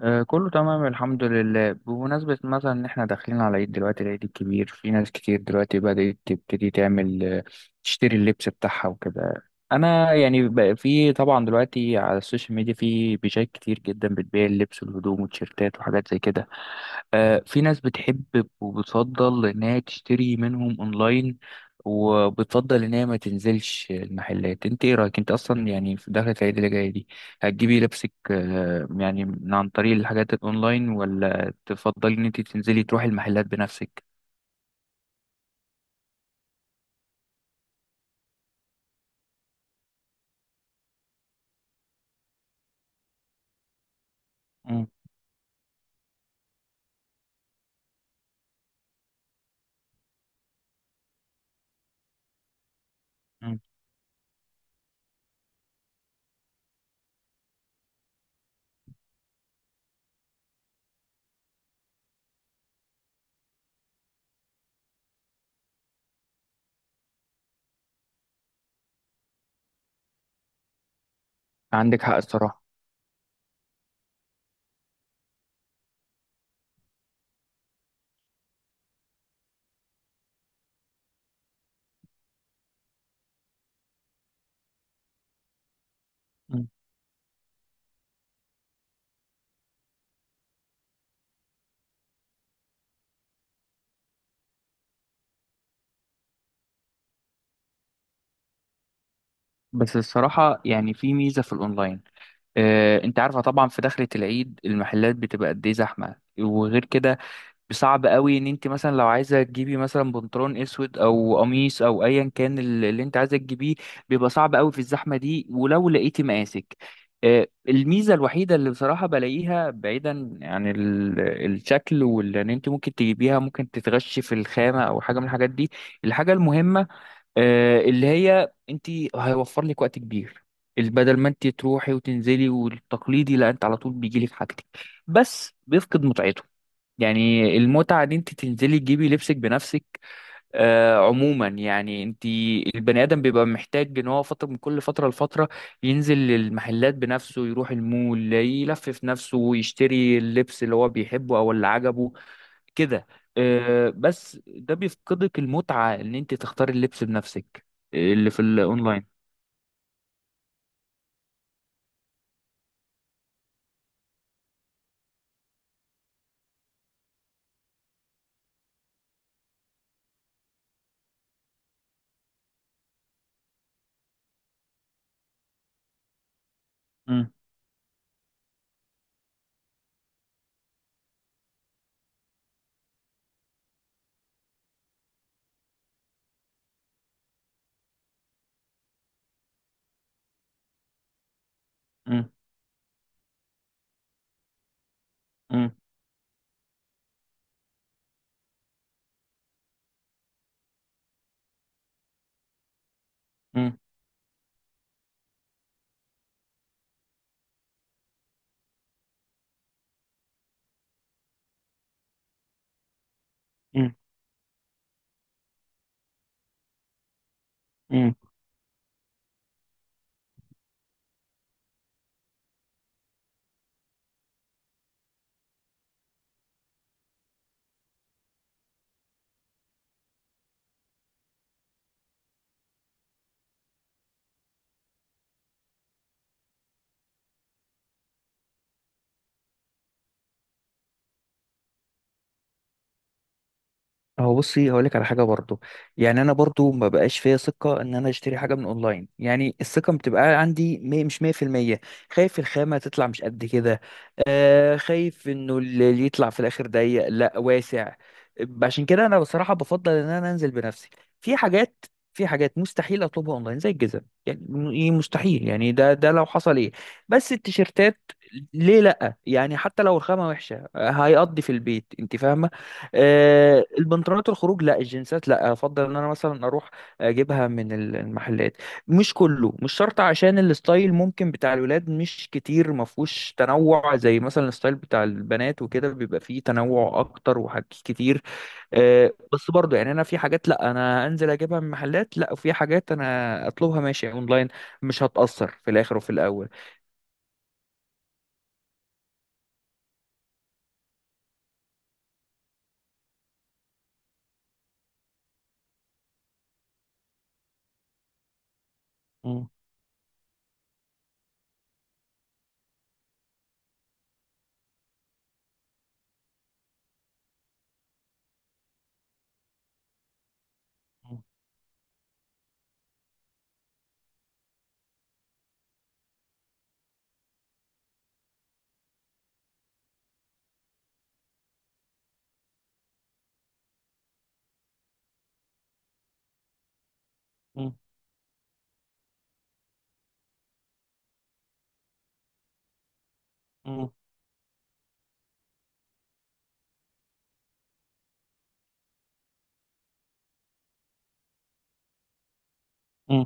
كله تمام الحمد لله بمناسبة مثلا إن إحنا داخلين على العيد دلوقتي العيد الكبير في ناس كتير دلوقتي بدأت تبتدي تعمل تشتري اللبس بتاعها وكده. أنا يعني بقى في طبعا دلوقتي على السوشيال ميديا في بيجات كتير جدا بتبيع اللبس والهدوم والتيشيرتات وحاجات زي كده. في ناس بتحب وبتفضل إنها تشتري منهم أونلاين وبتفضل إن هي ما تنزلش المحلات. أنت إيه رأيك أنت أصلا يعني في دخلة العيد اللي جاية دي هتجيبي لبسك يعني من عن طريق الحاجات الأونلاين ولا تفضلي إن أنت تنزلي تروحي المحلات بنفسك؟ مم. مم. عندك حق الصراحة. مم. بس الصراحة يعني في ميزة في الأونلاين. أنت عارفة طبعا في دخلة العيد المحلات بتبقى قد إيه زحمة وغير كده صعب قوي ان انت مثلا لو عايزه تجيبي مثلا بنطلون اسود او قميص او ايا كان اللي انت عايزه تجيبيه بيبقى صعب قوي في الزحمه دي ولو لقيتي مقاسك. الميزه الوحيده اللي بصراحه بلاقيها بعيدا عن الشكل واللي انت ممكن تجيبيها ممكن تتغشي في الخامه او حاجه من الحاجات دي. الحاجه المهمه اللي هي انت هيوفر لك وقت كبير بدل ما انت تروحي وتنزلي والتقليدي لا انت على طول بيجيلك حاجتك بس بيفقد متعته. يعني المتعة دي انت تنزلي تجيبي لبسك بنفسك. عموما يعني انت البني ادم بيبقى محتاج ان هو فترة من كل فترة لفترة ينزل المحلات بنفسه يروح المول يلفف نفسه ويشتري اللبس اللي هو بيحبه او اللي عجبه كده. بس ده بيفقدك المتعة ان انت تختاري اللبس بنفسك اللي في الاونلاين. مم، مم، مم، مم، مم، مم. هو بصي هقول لك على حاجه برضو. يعني انا برضو ما بقاش فيا ثقه ان انا اشتري حاجه من اونلاين يعني الثقه بتبقى عندي مش 100%. خايف الخامه تطلع مش قد كده. خايف انه اللي يطلع في الاخر ضيق لا واسع. عشان كده انا بصراحه بفضل ان انا انزل بنفسي في حاجات. في حاجات مستحيل اطلبها اونلاين زي الجزم يعني إيه، مستحيل يعني ده ده لو حصل ايه. بس التيشيرتات ليه لا يعني حتى لو الخامه وحشه هيقضي في البيت انت فاهمه. البنطلونات الخروج لا الجنسات لا افضل ان انا مثلا اروح اجيبها من المحلات. مش كله مش شرط عشان الستايل ممكن بتاع الولاد مش كتير ما فيهوش تنوع زي مثلا الستايل بتاع البنات وكده بيبقى فيه تنوع اكتر وحاجات كتير. بس برضو يعني انا في حاجات لا انا انزل اجيبها من محلات لا وفي حاجات انا اطلبها ماشي اونلاين مش هتأثر في الاخر وفي الاول. مم. مم. مم. مم.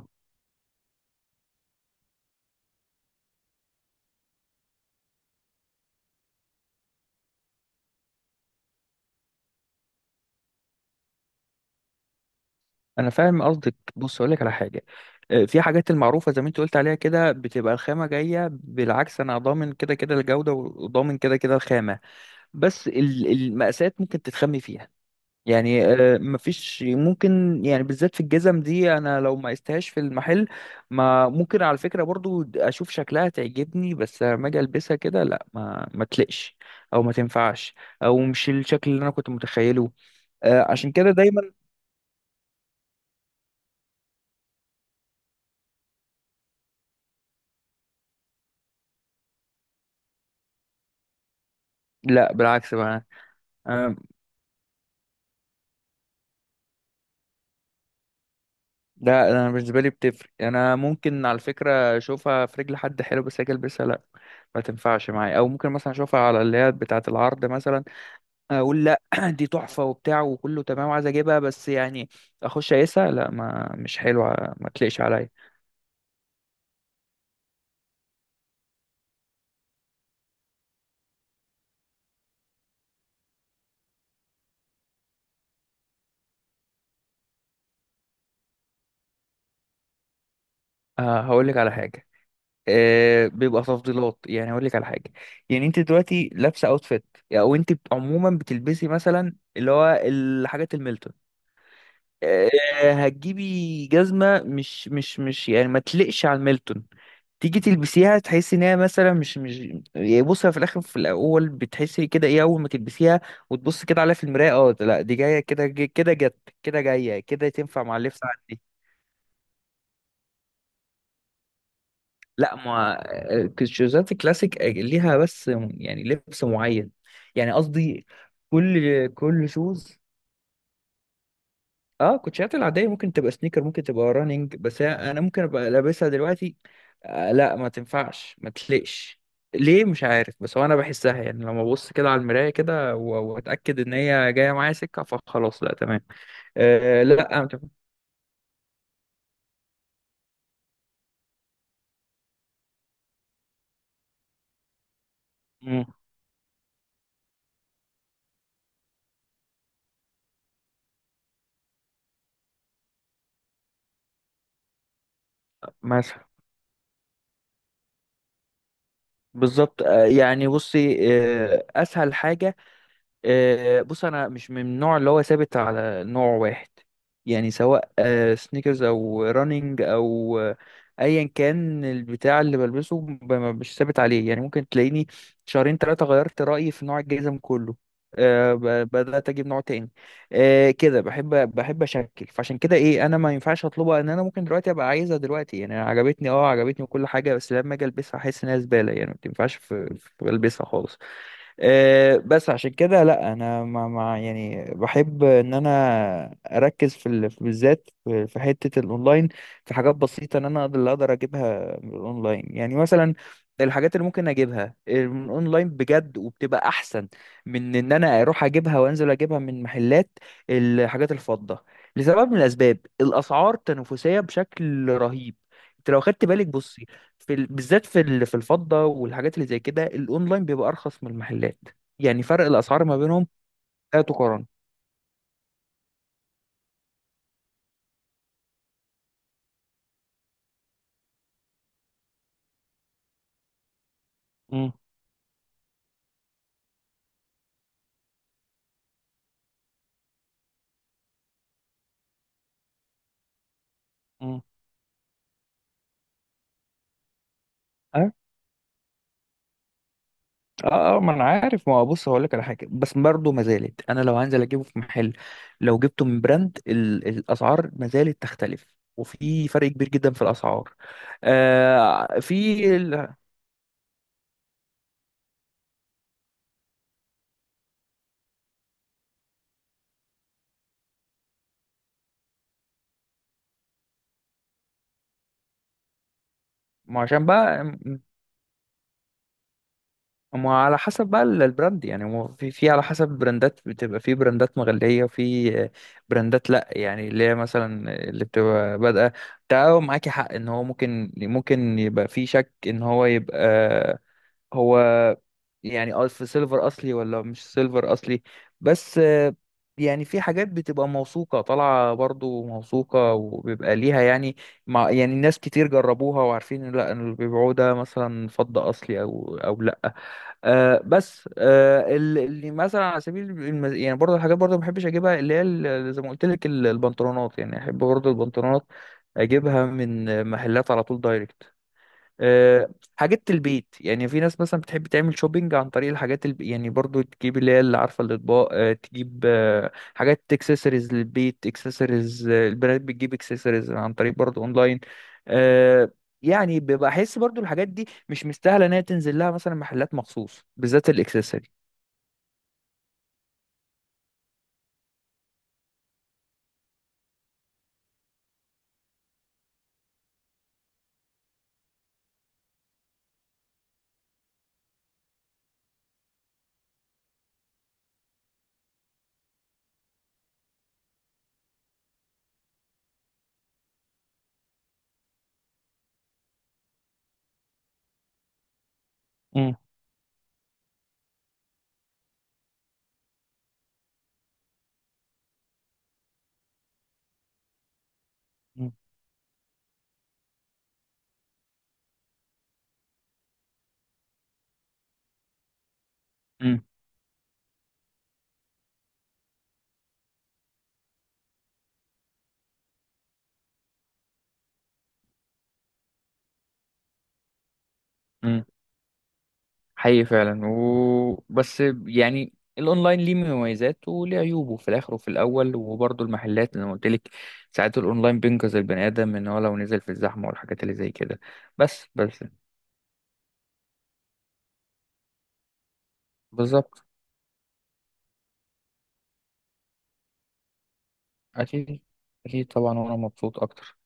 انا فاهم قصدك. بص اقول لك على حاجه. في حاجات المعروفه زي ما انت قلت عليها كده بتبقى الخامه جايه بالعكس انا ضامن كده كده الجوده وضامن كده كده الخامه. بس المقاسات ممكن تتخمي فيها. يعني مفيش ممكن يعني بالذات في الجزم دي انا لو ما قستهاش في المحل ما ممكن على فكره برضو اشوف شكلها تعجبني بس لما اجي البسها كده لا ما تلقش او ما تنفعش او مش الشكل اللي انا كنت متخيله. عشان كده دايما لا بالعكس بقى. آه، لا انا بالنسبه لي بتفرق يعني انا ممكن على فكره اشوفها في رجل حد حلو بس اجي البسها لا ما تنفعش معايا او ممكن مثلا اشوفها على اللي هي بتاعه العرض مثلا اقول لا. دي تحفه وبتاع وكله تمام وعايز اجيبها بس يعني اخش اقيسها لا ما مش حلوه ما تليقش عليا. هقول لك على حاجه. بيبقى تفضيلات يعني هقول لك على حاجه. يعني انت دلوقتي لابسه اوتفيت او انت عموما بتلبسي مثلا اللي هو الحاجات الميلتون. آه، هتجيبي جزمة مش يعني ما تلقش على الميلتون تيجي تلبسيها تحسي ان هي مثلا مش يعني بصي في الاخر في الاول بتحسي كده ايه اول ما تلبسيها وتبص كده عليها في المراية اه لا دي جاية كده كده جت كده جاية كده تنفع مع اللبس عندي لا ما. الشوزات الكلاسيك ليها بس يعني لبس معين. يعني قصدي كل شوز. اه كوتشيات العاديه ممكن تبقى سنيكر ممكن تبقى رانينج بس انا ممكن ابقى لابسها دلوقتي. لا ما تنفعش ما تليقش. ليه مش عارف بس هو انا بحسها يعني لما ابص كده على المرايه كده واتاكد ان هي جايه معايا سكه فخلاص لا تمام. آه لا ما تنفع- مم، مثلا. بالظبط. يعني بصي. اسهل حاجه. بص انا مش من النوع اللي هو ثابت على نوع واحد. يعني سواء سنيكرز او رانينج او ايا كان البتاع اللي بلبسه مش ثابت عليه يعني ممكن تلاقيني شهرين ثلاثة غيرت رأيي في نوع الجزم كله. بدأت اجيب نوع تاني. كده بحب. بحب اشكل فعشان كده ايه انا ما ينفعش اطلبها ان انا ممكن دلوقتي ابقى عايزها دلوقتي يعني. أنا عجبتني وكل حاجة بس لما اجي البسها احس انها زبالة يعني ما تنفعش في البسها خالص. بس عشان كده لا انا مع يعني بحب ان انا اركز في بالذات في حته الاونلاين في حاجات بسيطه ان انا اقدر اللي اقدر اجيبها من الاونلاين يعني مثلا الحاجات اللي ممكن اجيبها من الاونلاين بجد وبتبقى احسن من ان انا اروح اجيبها وانزل اجيبها من محلات. الحاجات الفضه لسبب من الاسباب الاسعار تنافسيه بشكل رهيب. انت لو خدت بالك بصي في بالذات في في الفضة والحاجات اللي زي كده الاونلاين بيبقى ارخص من المحلات. يعني فرق الاسعار ما بينهم لا تقارن. مم. مم. اه اه ما انا عارف ما هو. بص هقول لك على حاجه بس برضه ما زالت انا لو هنزل اجيبه في محل لو جبته من براند الاسعار ما زالت تختلف وفي فرق كبير جدا في الاسعار. آه في ال... ما عشان بقى ما على حسب بقى البراند يعني هو في على حسب البراندات بتبقى في براندات مغلية وفي براندات لأ يعني اللي هي مثلا اللي بتبقى بادئة. ده هو معاكي حق إن هو ممكن يبقى في شك إن هو يبقى هو يعني. في سيلفر أصلي ولا مش سيلفر أصلي؟ بس يعني في حاجات بتبقى موثوقة طالعة برضو موثوقة وبيبقى ليها يعني مع يعني ناس كتير جربوها وعارفين إن لأ إن اللي بيبيعوه ده مثلا فضة أصلي أو أو لأ. بس اللي مثلا على سبيل يعني برضه الحاجات برضه ما بحبش اجيبها اللي هي زي ما قلت لك البنطلونات. يعني احب برضه البنطلونات اجيبها من محلات على طول دايركت. آه، حاجات البيت يعني في ناس مثلا بتحب تعمل شوبينج عن طريق الحاجات يعني برضو تجيب اللي هي اللي عارفه الاطباق تجيب حاجات اكسسوارز للبيت اكسسوارز البراند بتجيب اكسسوارز عن طريق برضو اونلاين. آه، يعني ببقى احس برضو الحاجات دي مش مستاهله انها تنزل لها مثلا محلات مخصوص بالذات الاكسسوارز. مم. مم. حقيقي فعلا بس يعني الاونلاين ليه مميزات وليه عيوبه في الاخر وفي الاول وبرضه المحلات اللي انا قلت لك ساعات الاونلاين بينقذ البني ادم ان هو لو نزل في الزحمه والحاجات اللي زي كده. بس بس. بالظبط. اكيد. اكيد طبعا وانا مبسوط اكتر.